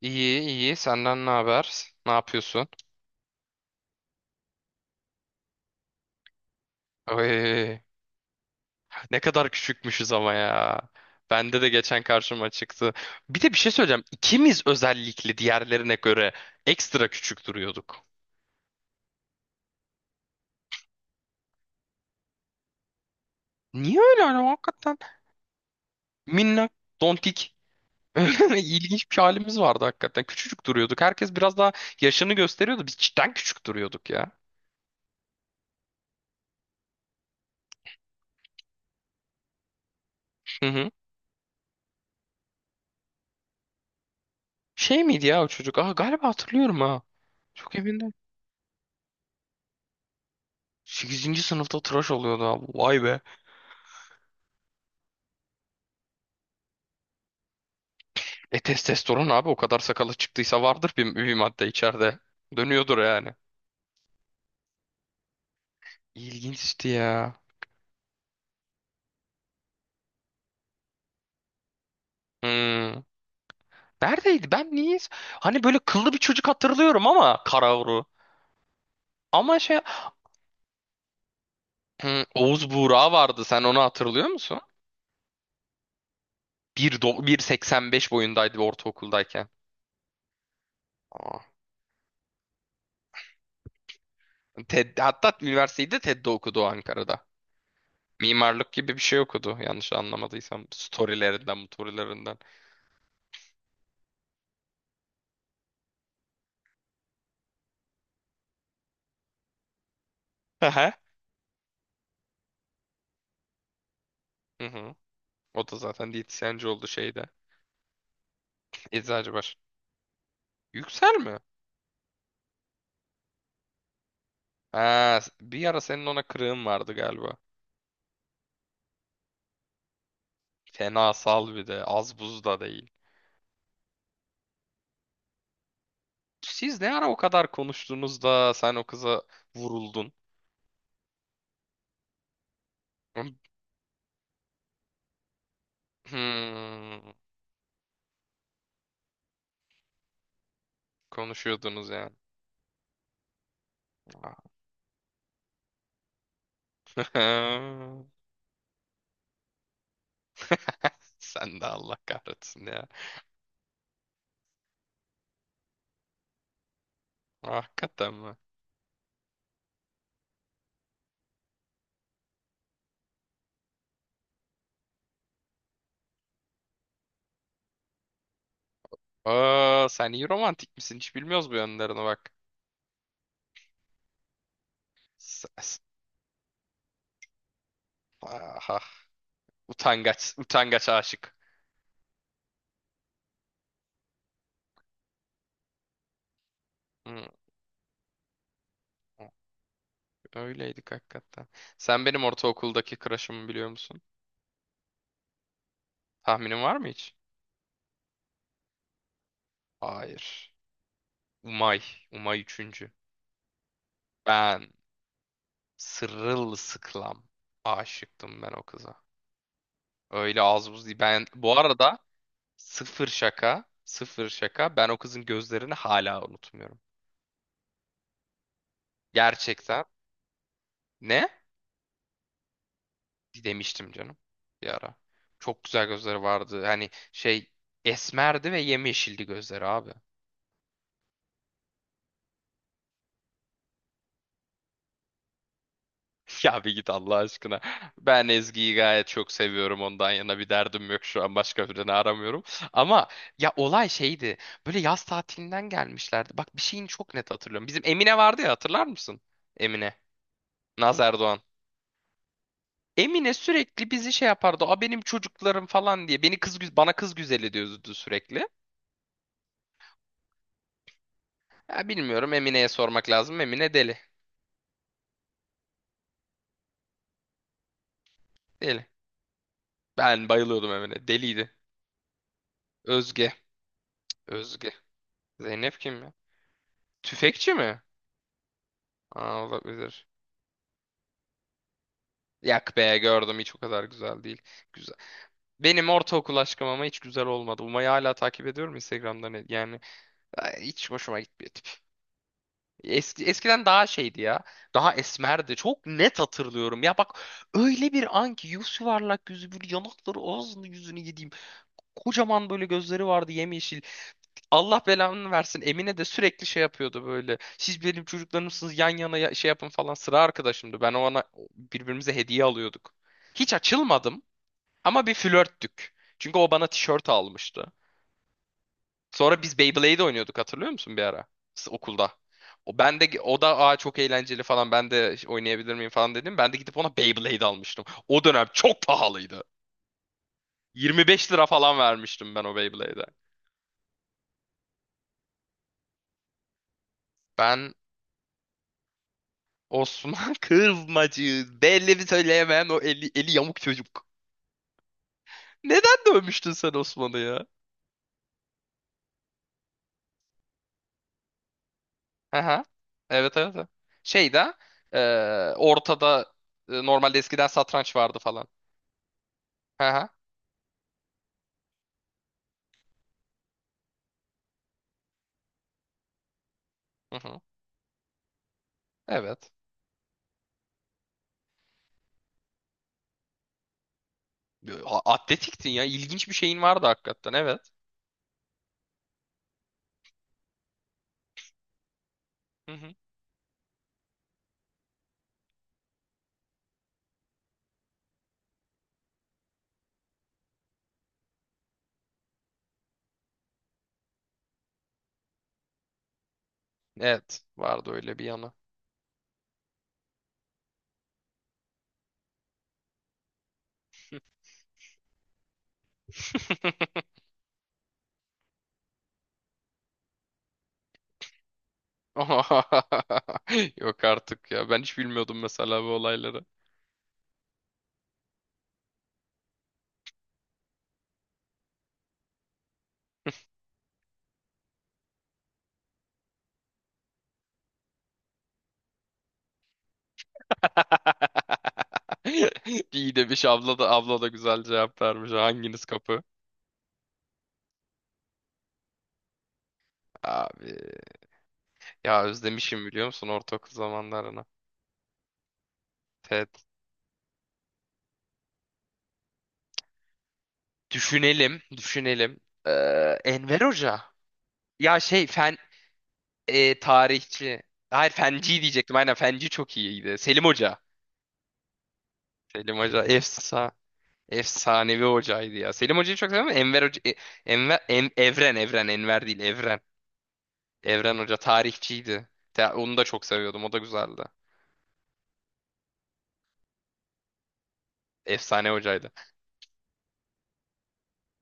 İyi iyi, senden ne haber? Ne yapıyorsun? Oy, ne kadar küçükmüşüz ama ya. Bende de geçen karşıma çıktı. Bir de bir şey söyleyeceğim. İkimiz, özellikle diğerlerine göre, ekstra küçük duruyorduk. Niye öyle hani hakikaten? Minnak, dontik. İlginç bir halimiz vardı hakikaten. Küçücük duruyorduk. Herkes biraz daha yaşını gösteriyordu. Biz cidden küçük duruyorduk ya. Hı hı. Şey miydi ya o çocuk? Aa, galiba hatırlıyorum ha. Çok emin değilim. 8. sınıfta tıraş oluyordu abi. Vay be. E, testosteron abi, o kadar sakalı çıktıysa vardır bir madde içeride. Dönüyordur yani. İlginçti ya. Hmm. Neredeydi? Ben niye? Hani böyle kıllı bir çocuk hatırlıyorum ama Karavru. Ama şey. Oğuz Buğra vardı. Sen onu hatırlıyor musun? 1.85 boyundaydı ortaokuldayken. Aa. TED, hatta üniversiteyi de TED'de okudu Ankara'da. Mimarlık gibi bir şey okudu, yanlış anlamadıysam. Storylerinden, motorilerinden. Hı hı. Hı hı. O da zaten diyetisyenci oldu şeyde. Eczacı baş. Yüksel mi? Ha, bir ara senin ona kırığın vardı galiba. Fena sal bir de. Az buz da değil. Siz ne ara o kadar konuştunuz da sen o kıza vuruldun? Hmm, konuşuyordunuz yani. Ah. Sen de Allah kahretsin ya. Hakikaten mi? Aa, sen iyi romantik misin? Hiç bilmiyoruz bu yönlerine bak. S- s- Aha, utangaç, utangaç aşık. Hmm. Öyleydik hakikaten. Sen benim ortaokuldaki crush'ımı biliyor musun? Tahminin var mı hiç? Hayır. Umay. Umay üçüncü. Ben sırılsıklam aşıktım ben o kıza. Öyle az buz değil. Ben bu arada sıfır şaka, sıfır şaka. Ben o kızın gözlerini hala unutmuyorum. Gerçekten. Ne? Demiştim canım bir ara. Çok güzel gözleri vardı. Hani şey esmerdi ve yemyeşildi gözleri abi. Ya bir git Allah aşkına. Ben Ezgi'yi gayet çok seviyorum. Ondan yana bir derdim yok şu an. Başka birini aramıyorum. Ama ya olay şeydi. Böyle yaz tatilinden gelmişlerdi. Bak, bir şeyini çok net hatırlıyorum. Bizim Emine vardı ya, hatırlar mısın? Emine. Naz Erdoğan. Emine sürekli bizi şey yapardı. A, benim çocuklarım falan diye. Bana kız güzeli diyordu sürekli. Ya bilmiyorum, Emine'ye sormak lazım. Emine deli. Deli. Ben bayılıyordum Emine. Deliydi. Özge. Özge. Zeynep kim ya? Tüfekçi mi? Aa, olabilir. Yak be, gördüm hiç o kadar güzel değil. Güzel. Benim ortaokul aşkım ama hiç güzel olmadı. Umay'ı hala takip ediyorum Instagram'dan. Yani ay, hiç hoşuma gitmiyor tip. Eskiden daha şeydi ya. Daha esmerdi. Çok net hatırlıyorum. Ya bak, öyle bir an ki yüz, yuvarlak yüzü, bir yanakları, ağzını, yüzünü yediğim. Kocaman böyle gözleri vardı, yemyeşil. Allah belanı versin. Emine de sürekli şey yapıyordu böyle. Siz benim çocuklarımsınız, yan yana şey yapın falan. Sıra arkadaşımdı. Ben ona Birbirimize hediye alıyorduk. Hiç açılmadım ama bir flörttük. Çünkü o bana tişört almıştı. Sonra biz Beyblade oynuyorduk, hatırlıyor musun bir ara? Okulda. O ben de o da, aa, çok eğlenceli falan, ben de oynayabilir miyim falan dedim. Ben de gidip ona Beyblade almıştım. O dönem çok pahalıydı. 25 lira falan vermiştim ben o Beyblade'e. Ben Osman Kızmacı. Belli bir söyleyemeyen o eli yamuk çocuk. Neden dövmüştün sen Osman'ı ya? Aha. Evet, evet, evet. Şey de e, ortada normalde eskiden satranç vardı falan. Aha. Hı hı. Evet. Atletiktin ya. İlginç bir şeyin vardı hakikaten. Evet. Hı hı. Evet. Vardı öyle bir yanı. Yok artık ya. Ben hiç bilmiyordum mesela bu olayları. İyi demiş, abla da abla da güzel cevap vermiş. Hanginiz kapı? Abi ya, özlemişim biliyor musun ortaokul zamanlarını. Evet. Düşünelim, düşünelim. Ee, Enver Hoca. Ya şey, fen, tarihçi. Hayır, fenci diyecektim. Aynen, fenci çok iyiydi. Selim Hoca. Selim Hoca efsanevi hocaydı ya. Selim Hoca'yı çok seviyorum ama Enver Hoca, Evren, Enver değil Evren. Evren Hoca tarihçiydi. Ya, onu da çok seviyordum. O da güzeldi. Efsane hocaydı.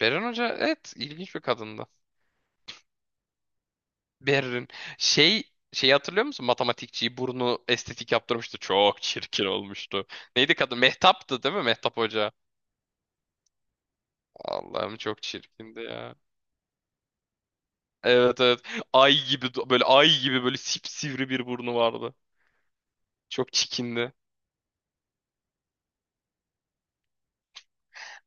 Beren Hoca evet, ilginç bir kadındı. Berrin, şey, şeyi hatırlıyor musun? Matematikçiyi, burnu estetik yaptırmıştı. Çok çirkin olmuştu. Neydi kadın? Mehtap'tı değil mi? Mehtap Hoca. Allah'ım çok çirkindi ya. Evet, evet. Ay gibi böyle, ay gibi böyle sipsivri bir burnu vardı. Çok çikindi.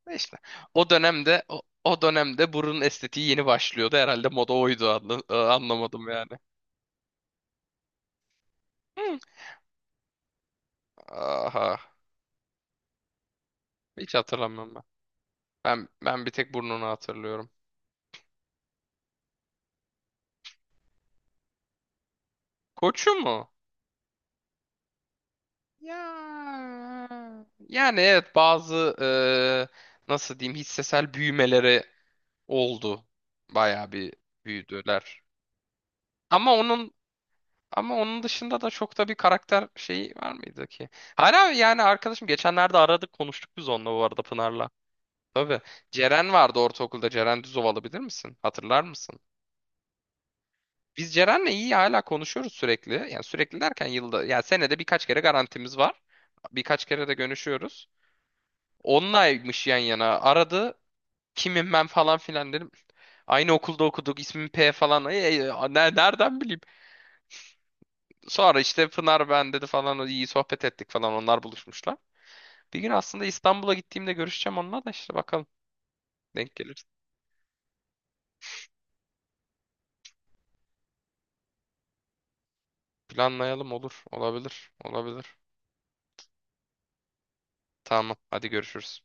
Ve İşte o dönemde, burun estetiği yeni başlıyordu. Herhalde moda oydu, anlamadım yani. Hı. Aha. Hiç hatırlamıyorum ben. Ben bir tek burnunu hatırlıyorum. Koçu mu? Ya. Yani evet, bazı nasıl diyeyim, hissesel büyümeleri oldu. Bayağı bir büyüdüler. Ama onun ama onun dışında da çok da bir karakter şeyi var mıydı ki? Hala yani arkadaşım, geçenlerde aradık konuştuk biz onunla bu arada, Pınar'la. Tabii. Ceren vardı ortaokulda. Ceren Düzovalı, bilir misin? Hatırlar mısın? Biz Ceren'le iyi, hala konuşuyoruz sürekli. Yani sürekli derken, yılda, yani senede birkaç kere garantimiz var. Birkaç kere de görüşüyoruz. Onunlaymış yan yana. Aradı. Kimim ben falan filan dedim. Aynı okulda okuduk, ismim P falan. Ay, ay, ay, nereden bileyim? Sonra işte, Pınar ben dedi falan. İyi sohbet ettik falan. Onlar buluşmuşlar. Bir gün aslında İstanbul'a gittiğimde görüşeceğim onunla da, işte bakalım. Denk gelir. Planlayalım, olur. Olabilir. Olabilir. Tamam. Hadi görüşürüz.